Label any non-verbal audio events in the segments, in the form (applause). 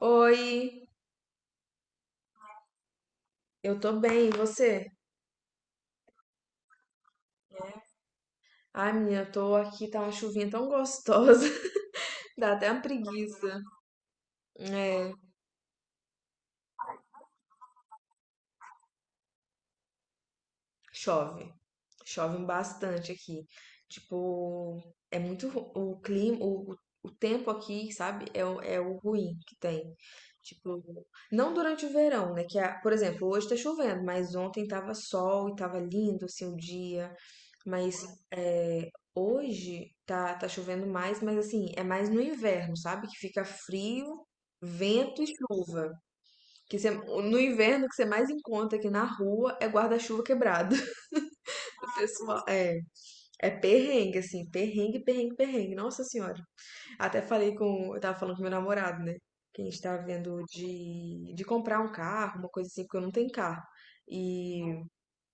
Oi, eu tô bem, e você? Ai, menina, eu tô aqui, tá uma chuvinha tão gostosa, (laughs) dá até uma preguiça. É, chove, chove bastante aqui. Tipo, o clima, o tempo aqui, sabe? É, é o ruim que tem. Tipo, não durante o verão, né? Que, por exemplo, hoje tá chovendo, mas ontem tava sol e tava lindo, assim, o dia. Mas é, hoje tá chovendo mais, mas assim, é mais no inverno, sabe? Que fica frio, vento e chuva. No inverno, o que você mais encontra aqui na rua é guarda-chuva quebrado. (laughs) O pessoal, é perrengue, assim, perrengue, perrengue, perrengue. Nossa Senhora. Eu tava falando com meu namorado, né? Que a gente tava vendo de comprar um carro, uma coisa assim, porque eu não tenho carro. E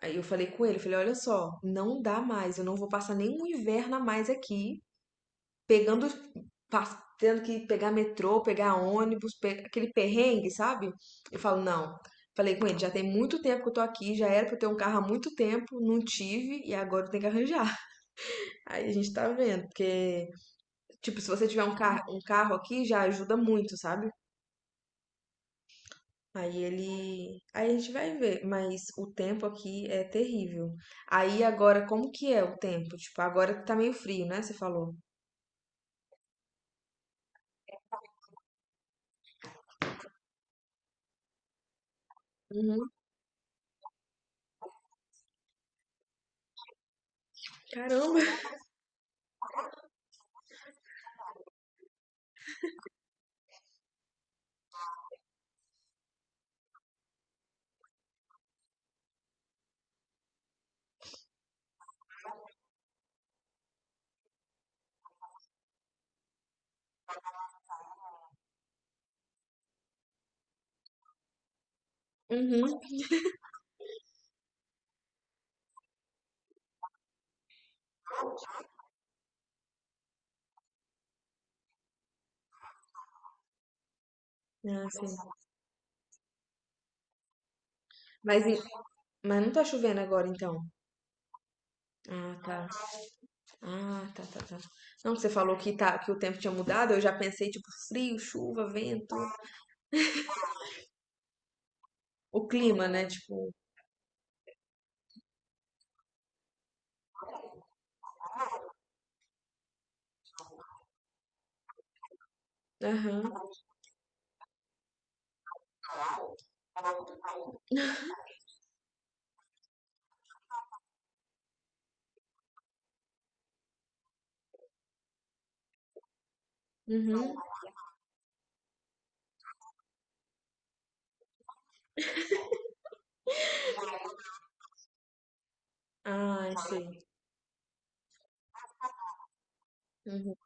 aí eu falei com ele, falei, olha só, não dá mais, eu não vou passar nenhum inverno a mais aqui, pegando, tendo que pegar metrô, pegar ônibus, aquele perrengue, sabe? Eu falo, não. Falei com ele, já tem muito tempo que eu tô aqui, já era pra eu ter um carro há muito tempo, não tive, e agora eu tenho que arranjar. (laughs) Aí a gente tá vendo, porque, tipo, se você tiver um, car um carro aqui, já ajuda muito, sabe? Aí ele. Aí a gente vai ver, mas o tempo aqui é terrível. Aí agora, como que é o tempo? Tipo, agora que tá meio frio, né? Você falou. Uhum. Caramba. Uhum. Ah, sim. Mas, mas não tá chovendo agora, então. Ah, tá. Ah, tá, tá, tá. Não, você falou que, tá, que o tempo tinha mudado, eu já pensei, tipo, frio, chuva, vento. O clima, né? Tipo. Aham. Uhum. Ah, sei. Uhum.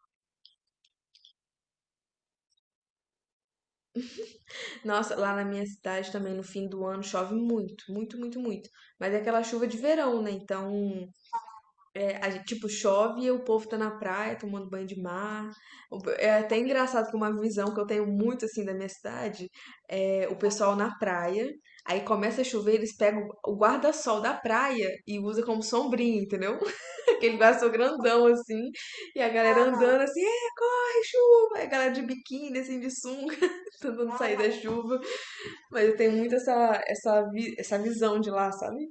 Nossa, lá na minha cidade também no fim do ano chove muito, muito, muito, muito. Mas é aquela chuva de verão, né? Então, é, a gente, tipo, chove e o povo tá na praia tomando banho de mar. É até engraçado que uma visão que eu tenho muito, assim, da minha cidade é o pessoal na praia. Aí começa a chover, eles pegam o guarda-sol da praia e usa como sombrinha, entendeu? (laughs) Aquele guarda-sol grandão, assim. E a galera andando assim, ai, chuva! Aí a galera de biquíni, assim, de sunga, (laughs) tentando sair da chuva. Mas eu tenho muito essa visão de lá, sabe?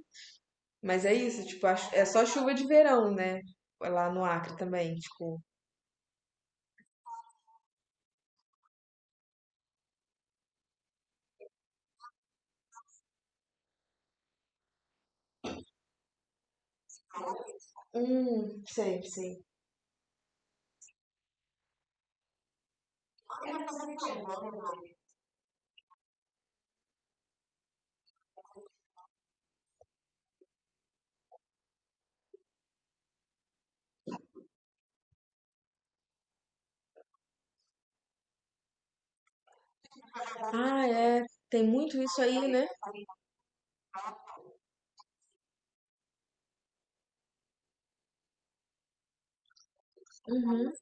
Mas é isso, tipo, é só chuva de verão, né? Lá no Acre também, tipo. Sei, sei. Ah, é. Tem muito isso aí, né? Uhum,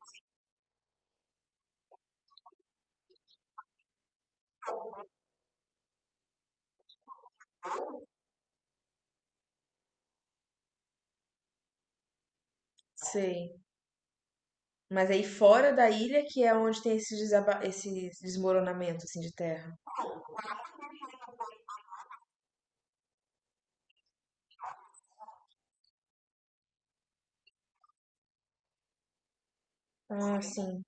sei. Mas aí fora da ilha que é onde tem esse desmoronamento, assim, de terra. Ah, sim.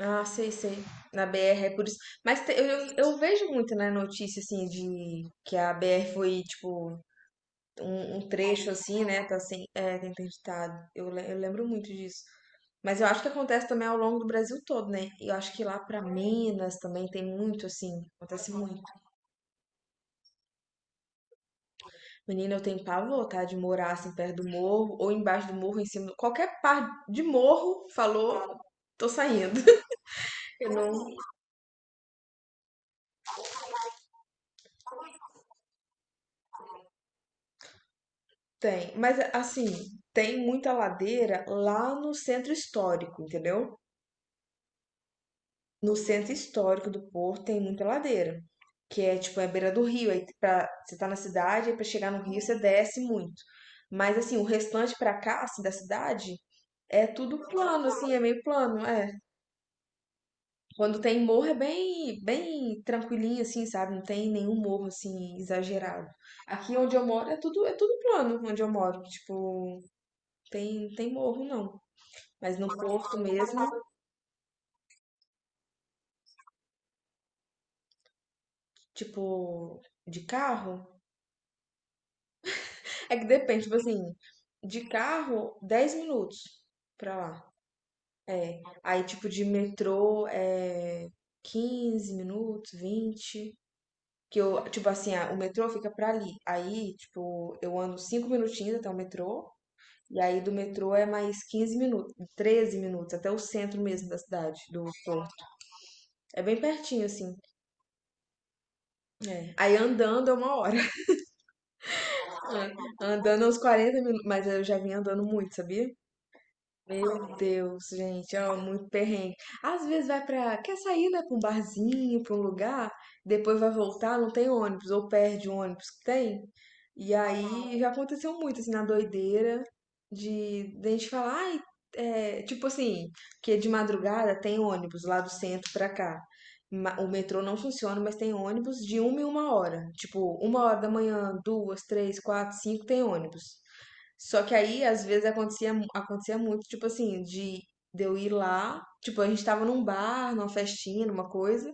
Ah, sei, sei. Na BR é por isso. Mas eu vejo muito, né, notícia, assim, de que a BR foi, tipo, um trecho assim, né? Tá assim, é, tá interditado. Eu lembro muito disso. Mas eu acho que acontece também ao longo do Brasil todo, né? E eu acho que lá pra Minas também tem muito, assim, acontece muito. Menina, eu tenho pavor, tá? De morar assim perto do morro, ou embaixo do morro, em cima. Qualquer parte de morro falou, tô saindo. (laughs) Eu não tenho. Mas assim, tem muita ladeira lá no centro histórico, entendeu? No centro histórico do Porto tem muita ladeira, que é tipo, é a beira do rio. Aí pra, você tá na cidade, aí pra chegar no rio você desce muito. Mas assim, o restante pra cá, assim, da cidade, é tudo plano, assim, é meio plano, é. Quando tem morro é bem, bem tranquilinho, assim, sabe? Não tem nenhum morro, assim, exagerado. Aqui onde eu moro é tudo plano, onde eu moro. Tipo, tem morro, não. Mas no Porto mesmo, tipo, de carro, é que depende, tipo assim, de carro, 10 minutos pra lá. É. Aí, tipo, de metrô é 15 minutos, 20. Que eu, tipo assim, ah, o metrô fica pra ali. Aí, tipo, eu ando 5 minutinhos até o metrô. E aí do metrô é mais 15 minutos, 13 minutos, até o centro mesmo da cidade, do ponto. É bem pertinho, assim. É. Aí andando é uma hora. (laughs) Andando é uns 40 minutos, mas eu já vim andando muito, sabia? Meu Deus, gente, ó, muito perrengue. Às vezes vai pra. Quer sair, né, pra um barzinho, pra um lugar, depois vai voltar, não tem ônibus, ou perde o ônibus que tem. E aí já aconteceu muito, assim, na doideira, de a gente falar, ai, é, tipo assim, que de madrugada tem ônibus lá do centro pra cá. O metrô não funciona, mas tem ônibus de uma em uma hora. Tipo, uma hora da manhã, duas, três, quatro, cinco, tem ônibus. Só que aí, às vezes, acontecia muito, tipo assim, de eu ir lá, tipo, a gente tava num bar, numa festinha, numa coisa,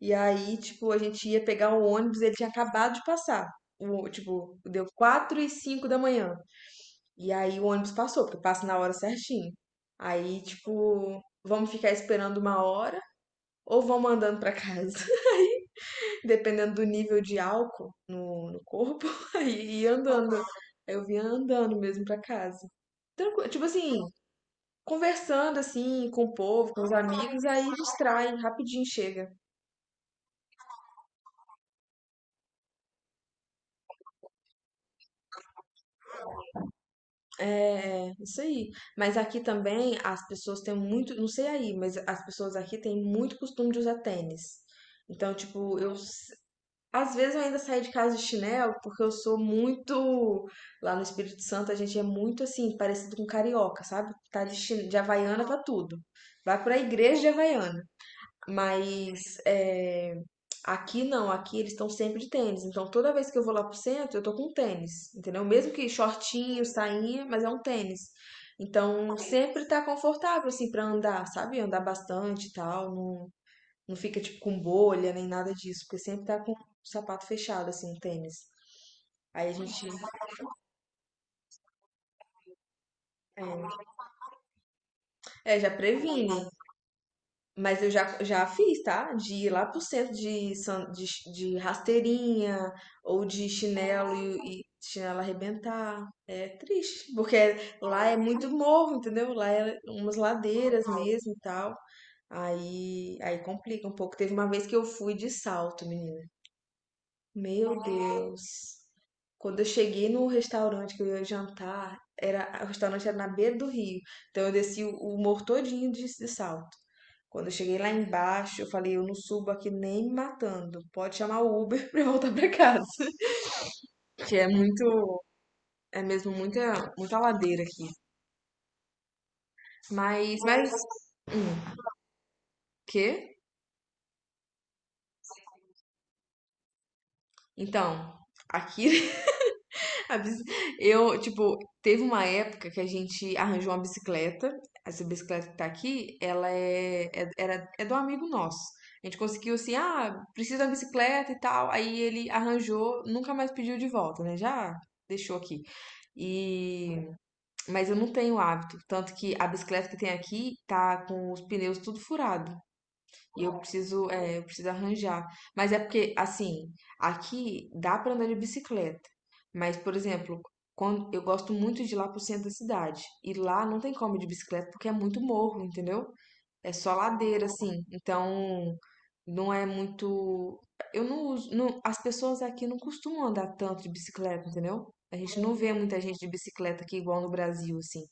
e aí, tipo, a gente ia pegar o ônibus, ele tinha acabado de passar. Tipo, deu 4:05 da manhã. E aí o ônibus passou, porque passa na hora certinho. Aí, tipo, vamos ficar esperando uma hora ou vamos andando pra casa? Dependendo do nível de álcool no corpo, (laughs) e ia andando. Aí eu vinha andando mesmo pra casa. Tranquilo, tipo assim, conversando assim com o povo, com os amigos, aí distrai, rapidinho chega. É isso aí. Mas aqui também as pessoas têm muito, não sei aí, mas as pessoas aqui têm muito costume de usar tênis. Então, tipo, eu. Às vezes eu ainda saio de casa de chinelo, porque eu sou muito. Lá no Espírito Santo a gente é muito assim, parecido com carioca, sabe? Tá de Havaiana pra tudo. Vai pra igreja de Havaiana. Mas é, aqui não, aqui eles estão sempre de tênis. Então toda vez que eu vou lá pro centro, eu tô com tênis, entendeu? Mesmo que shortinho, sainha, mas é um tênis. Então sempre tá confortável, assim, pra andar, sabe? Andar bastante e tal. Não, não fica, tipo, com bolha nem nada disso, porque sempre tá com o sapato fechado, assim, o tênis. Aí a gente. É, já previne. Mas eu já fiz, tá? De ir lá pro centro de rasteirinha ou de chinelo e chinelo arrebentar. É triste, porque lá é muito morro, entendeu? Lá é umas ladeiras mesmo e tal. Aí complica um pouco. Teve uma vez que eu fui de salto, menina. Meu Deus. Quando eu cheguei no restaurante que eu ia jantar, o restaurante era na beira do rio. Então eu desci o morro todinho de salto. Quando eu cheguei lá embaixo, eu falei, eu não subo aqui nem me matando. Pode chamar o Uber (laughs) pra eu voltar pra casa. Que é muito, é mesmo muita, muita ladeira aqui. Mas, hum, quê? Então, aqui. A bici- Eu, tipo, teve uma época que a gente arranjou uma bicicleta. Essa bicicleta que tá aqui, ela é do amigo nosso. A gente conseguiu assim, ah, precisa de uma bicicleta e tal. Aí ele arranjou, nunca mais pediu de volta, né? Já deixou aqui. E, mas eu não tenho hábito. Tanto que a bicicleta que tem aqui tá com os pneus tudo furado. E eu preciso arranjar. Mas é porque, assim, aqui dá pra andar de bicicleta. Mas, por exemplo, quando eu gosto muito de ir lá pro centro da cidade. E lá não tem como ir de bicicleta porque é muito morro, entendeu? É só ladeira, assim. Então, não é muito. Eu não uso. As pessoas aqui não costumam andar tanto de bicicleta, entendeu? A gente não vê muita gente de bicicleta aqui igual no Brasil, assim.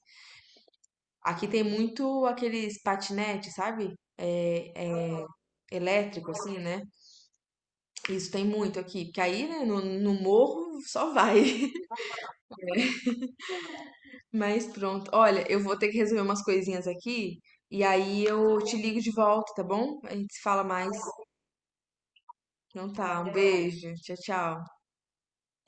Aqui tem muito aqueles patinetes, sabe? É elétrico, assim, né? Isso tem muito aqui. Porque aí, né, no morro só vai. (laughs) Mas pronto. Olha, eu vou ter que resolver umas coisinhas aqui. E aí eu te ligo de volta, tá bom? A gente se fala mais. Então tá, um beijo. Tchau, tchau.